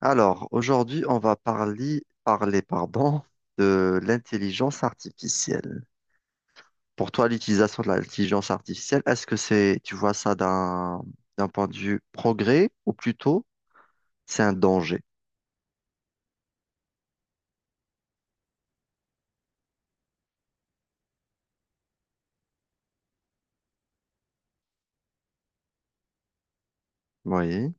Alors, aujourd'hui, on va parler, pardon, de l'intelligence artificielle. Pour toi, l'utilisation de l'intelligence artificielle, est-ce que tu vois ça d'un point de vue progrès ou plutôt c'est un danger? Oui.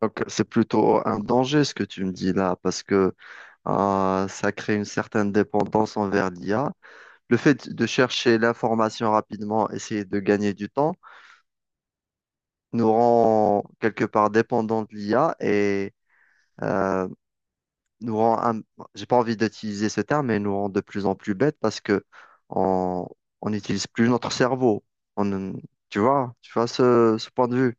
Donc, c'est plutôt un danger ce que tu me dis là, parce que ça crée une certaine dépendance envers l'IA. Le fait de chercher l'information rapidement, essayer de gagner du temps, nous rend quelque part dépendants de l'IA et euh, nous rend un- j'ai pas envie d'utiliser ce terme, mais nous rend de plus en plus bêtes parce que on on n'utilise plus notre cerveau. On, tu vois ce point de vue.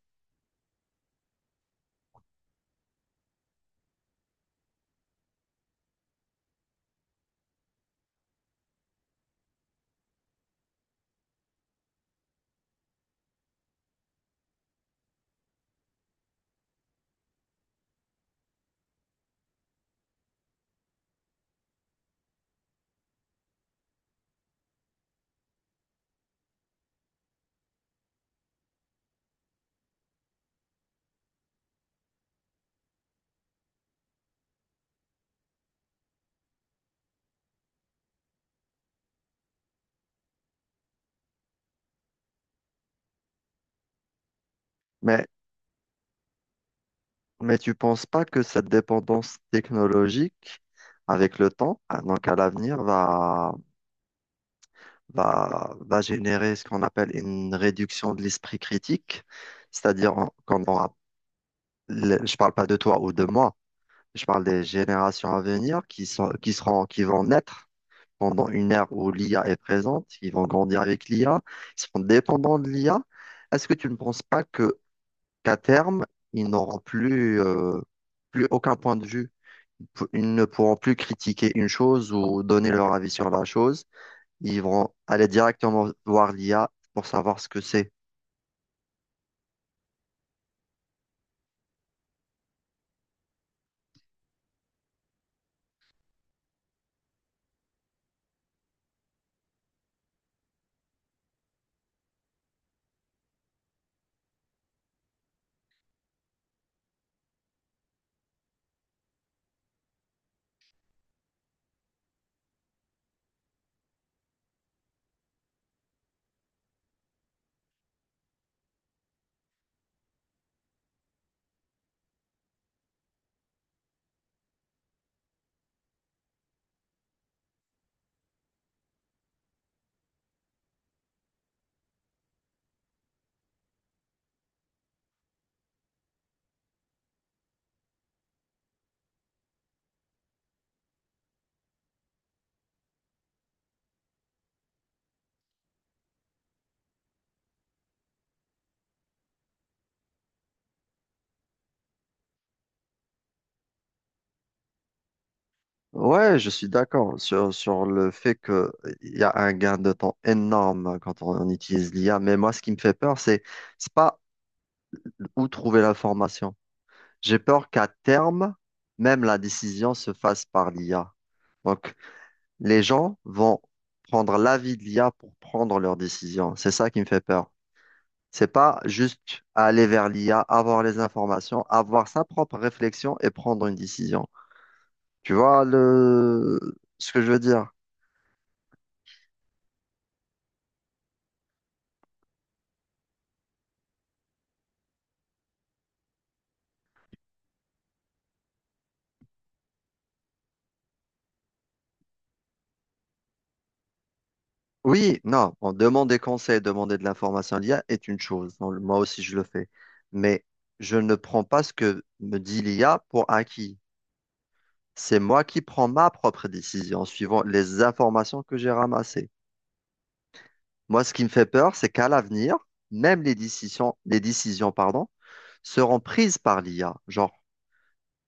Mais mais tu penses pas que cette dépendance technologique avec le temps, ah, donc à l'avenir, va générer ce qu'on appelle une réduction de l'esprit critique, c'est-à-dire qu'on aura, je parle pas de toi ou de moi, je parle des générations à venir qui seront, qui vont naître pendant une ère où l'IA est présente, ils vont grandir avec l'IA, ils seront dépendants de l'IA. Est-ce que tu ne penses pas que qu'à terme, ils n'auront plus aucun point de vue? Ils ne pourront plus critiquer une chose ou donner leur avis sur la chose. Ils vont aller directement voir l'IA pour savoir ce que c'est. Ouais, je suis d'accord sur le fait que il y a un gain de temps énorme quand on utilise l'IA, mais moi, ce qui me fait peur, c'est pas où trouver l'information. J'ai peur qu'à terme, même la décision se fasse par l'IA. Donc, les gens vont prendre l'avis de l'IA pour prendre leurs décisions. C'est ça qui me fait peur. C'est pas juste aller vers l'IA, avoir les informations, avoir sa propre réflexion et prendre une décision. Tu vois ce que je veux dire? Oui, non, bon, demander conseil, demander de l'information à l'IA est une chose. Bon, moi aussi, je le fais. Mais je ne prends pas ce que me dit l'IA pour acquis. C'est moi qui prends ma propre décision en suivant les informations que j'ai ramassées. Moi, ce qui me fait peur, c'est qu'à l'avenir, même les décisions, pardon, seront prises par l'IA. Genre,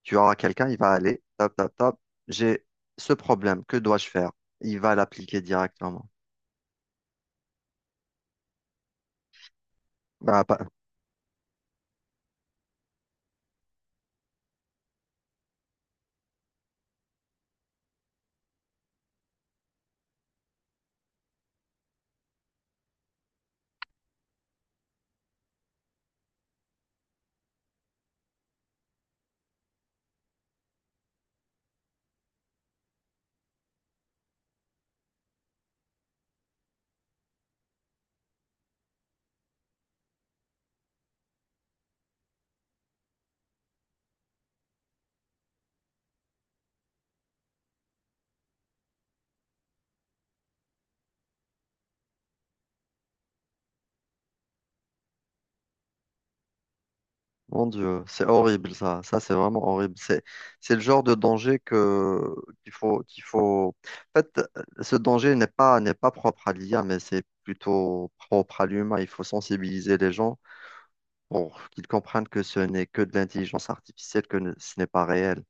tu auras quelqu'un, il va aller, top, top, top, j'ai ce problème, que dois-je faire? Il va l'appliquer directement. Bah, mon Dieu, c'est horrible ça. Ça, c'est vraiment horrible. C'est le genre de danger que qu'il faut. En fait, ce danger n'est pas propre à l'IA, mais c'est plutôt propre à l'humain. Il faut sensibiliser les gens pour qu'ils comprennent que ce n'est que de l'intelligence artificielle, que ce n'est pas réel.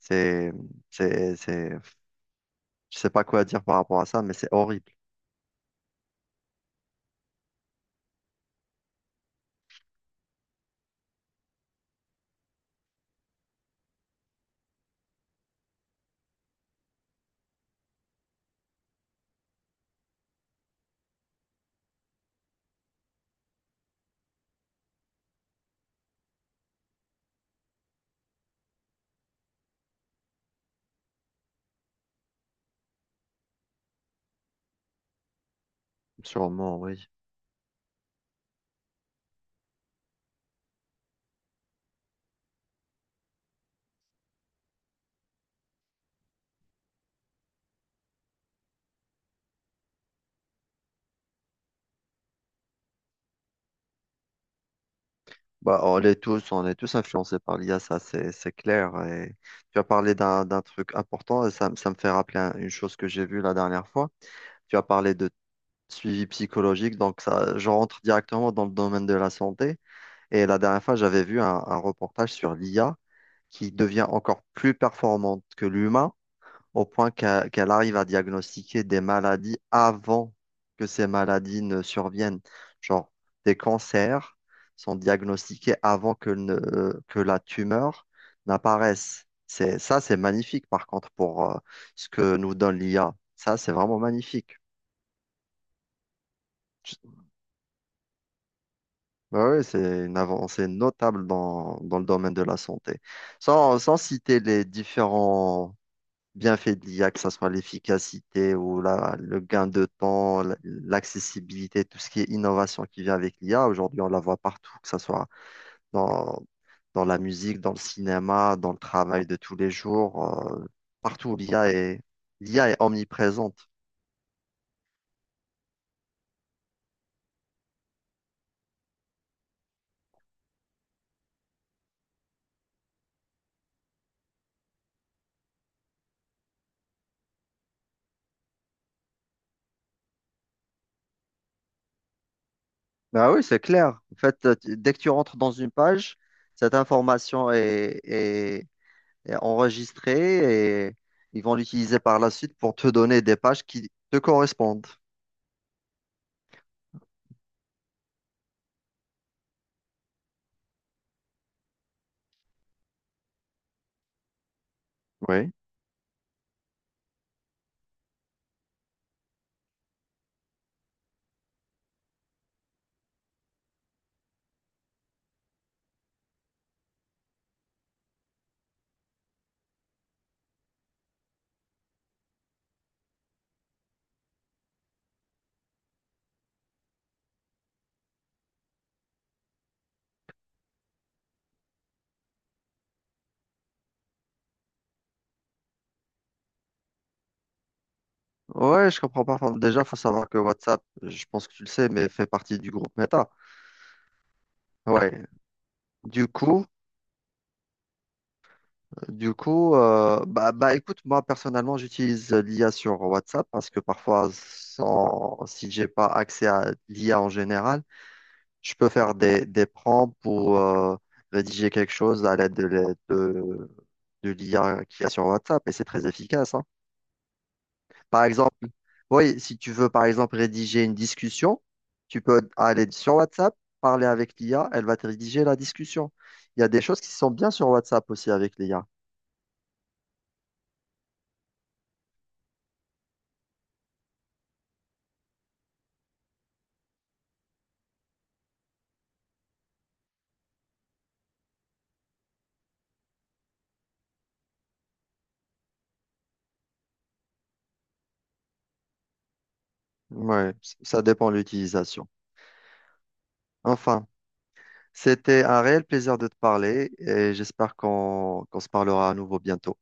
C'est, c'est, c'est. Je sais pas quoi dire par rapport à ça, mais c'est horrible. Sûrement, oui. Bah, on est tous influencés par l'IA, ça c'est clair. Et tu as parlé d'un truc important et ça me fait rappeler une chose que j'ai vue la dernière fois. Tu as parlé de suivi psychologique, donc ça, je rentre directement dans le domaine de la santé. Et la dernière fois, j'avais vu un reportage sur l'IA qui devient encore plus performante que l'humain au point qu'elle arrive à diagnostiquer des maladies avant que ces maladies ne surviennent. Genre, des cancers sont diagnostiqués avant que, ne- que la tumeur n'apparaisse. Ça, c'est magnifique, par contre, pour ce que nous donne l'IA. Ça, c'est vraiment magnifique. Bah oui, c'est une avancée notable dans, dans le domaine de la santé. Sans citer les différents bienfaits de l'IA, que ce soit l'efficacité ou le gain de temps, l'accessibilité, tout ce qui est innovation qui vient avec l'IA. Aujourd'hui, on la voit partout, que ce soit dans, dans la musique, dans le cinéma, dans le travail de tous les jours. Partout, l'IA est omniprésente. Bah oui, c'est clair. En fait, dès que tu rentres dans une page, cette information est enregistrée et ils vont l'utiliser par la suite pour te donner des pages qui te correspondent. Oui. Ouais, je comprends pas. Enfin, déjà, faut savoir que WhatsApp, je pense que tu le sais, mais fait partie du groupe Meta. Ouais. Du coup, du coup, bah, écoute, moi personnellement, j'utilise l'IA sur WhatsApp parce que parfois, sans, si j'ai pas accès à l'IA en général, je peux faire des prompts pour rédiger quelque chose à l'aide de l'IA qu'il y a sur WhatsApp et c'est très efficace. Hein. Par exemple, oui, si tu veux, par exemple, rédiger une discussion, tu peux aller sur WhatsApp, parler avec l'IA, elle va te rédiger la discussion. Il y a des choses qui sont bien sur WhatsApp aussi avec l'IA. Ouais, ça dépend de l'utilisation. Enfin, c'était un réel plaisir de te parler et j'espère qu'on se parlera à nouveau bientôt.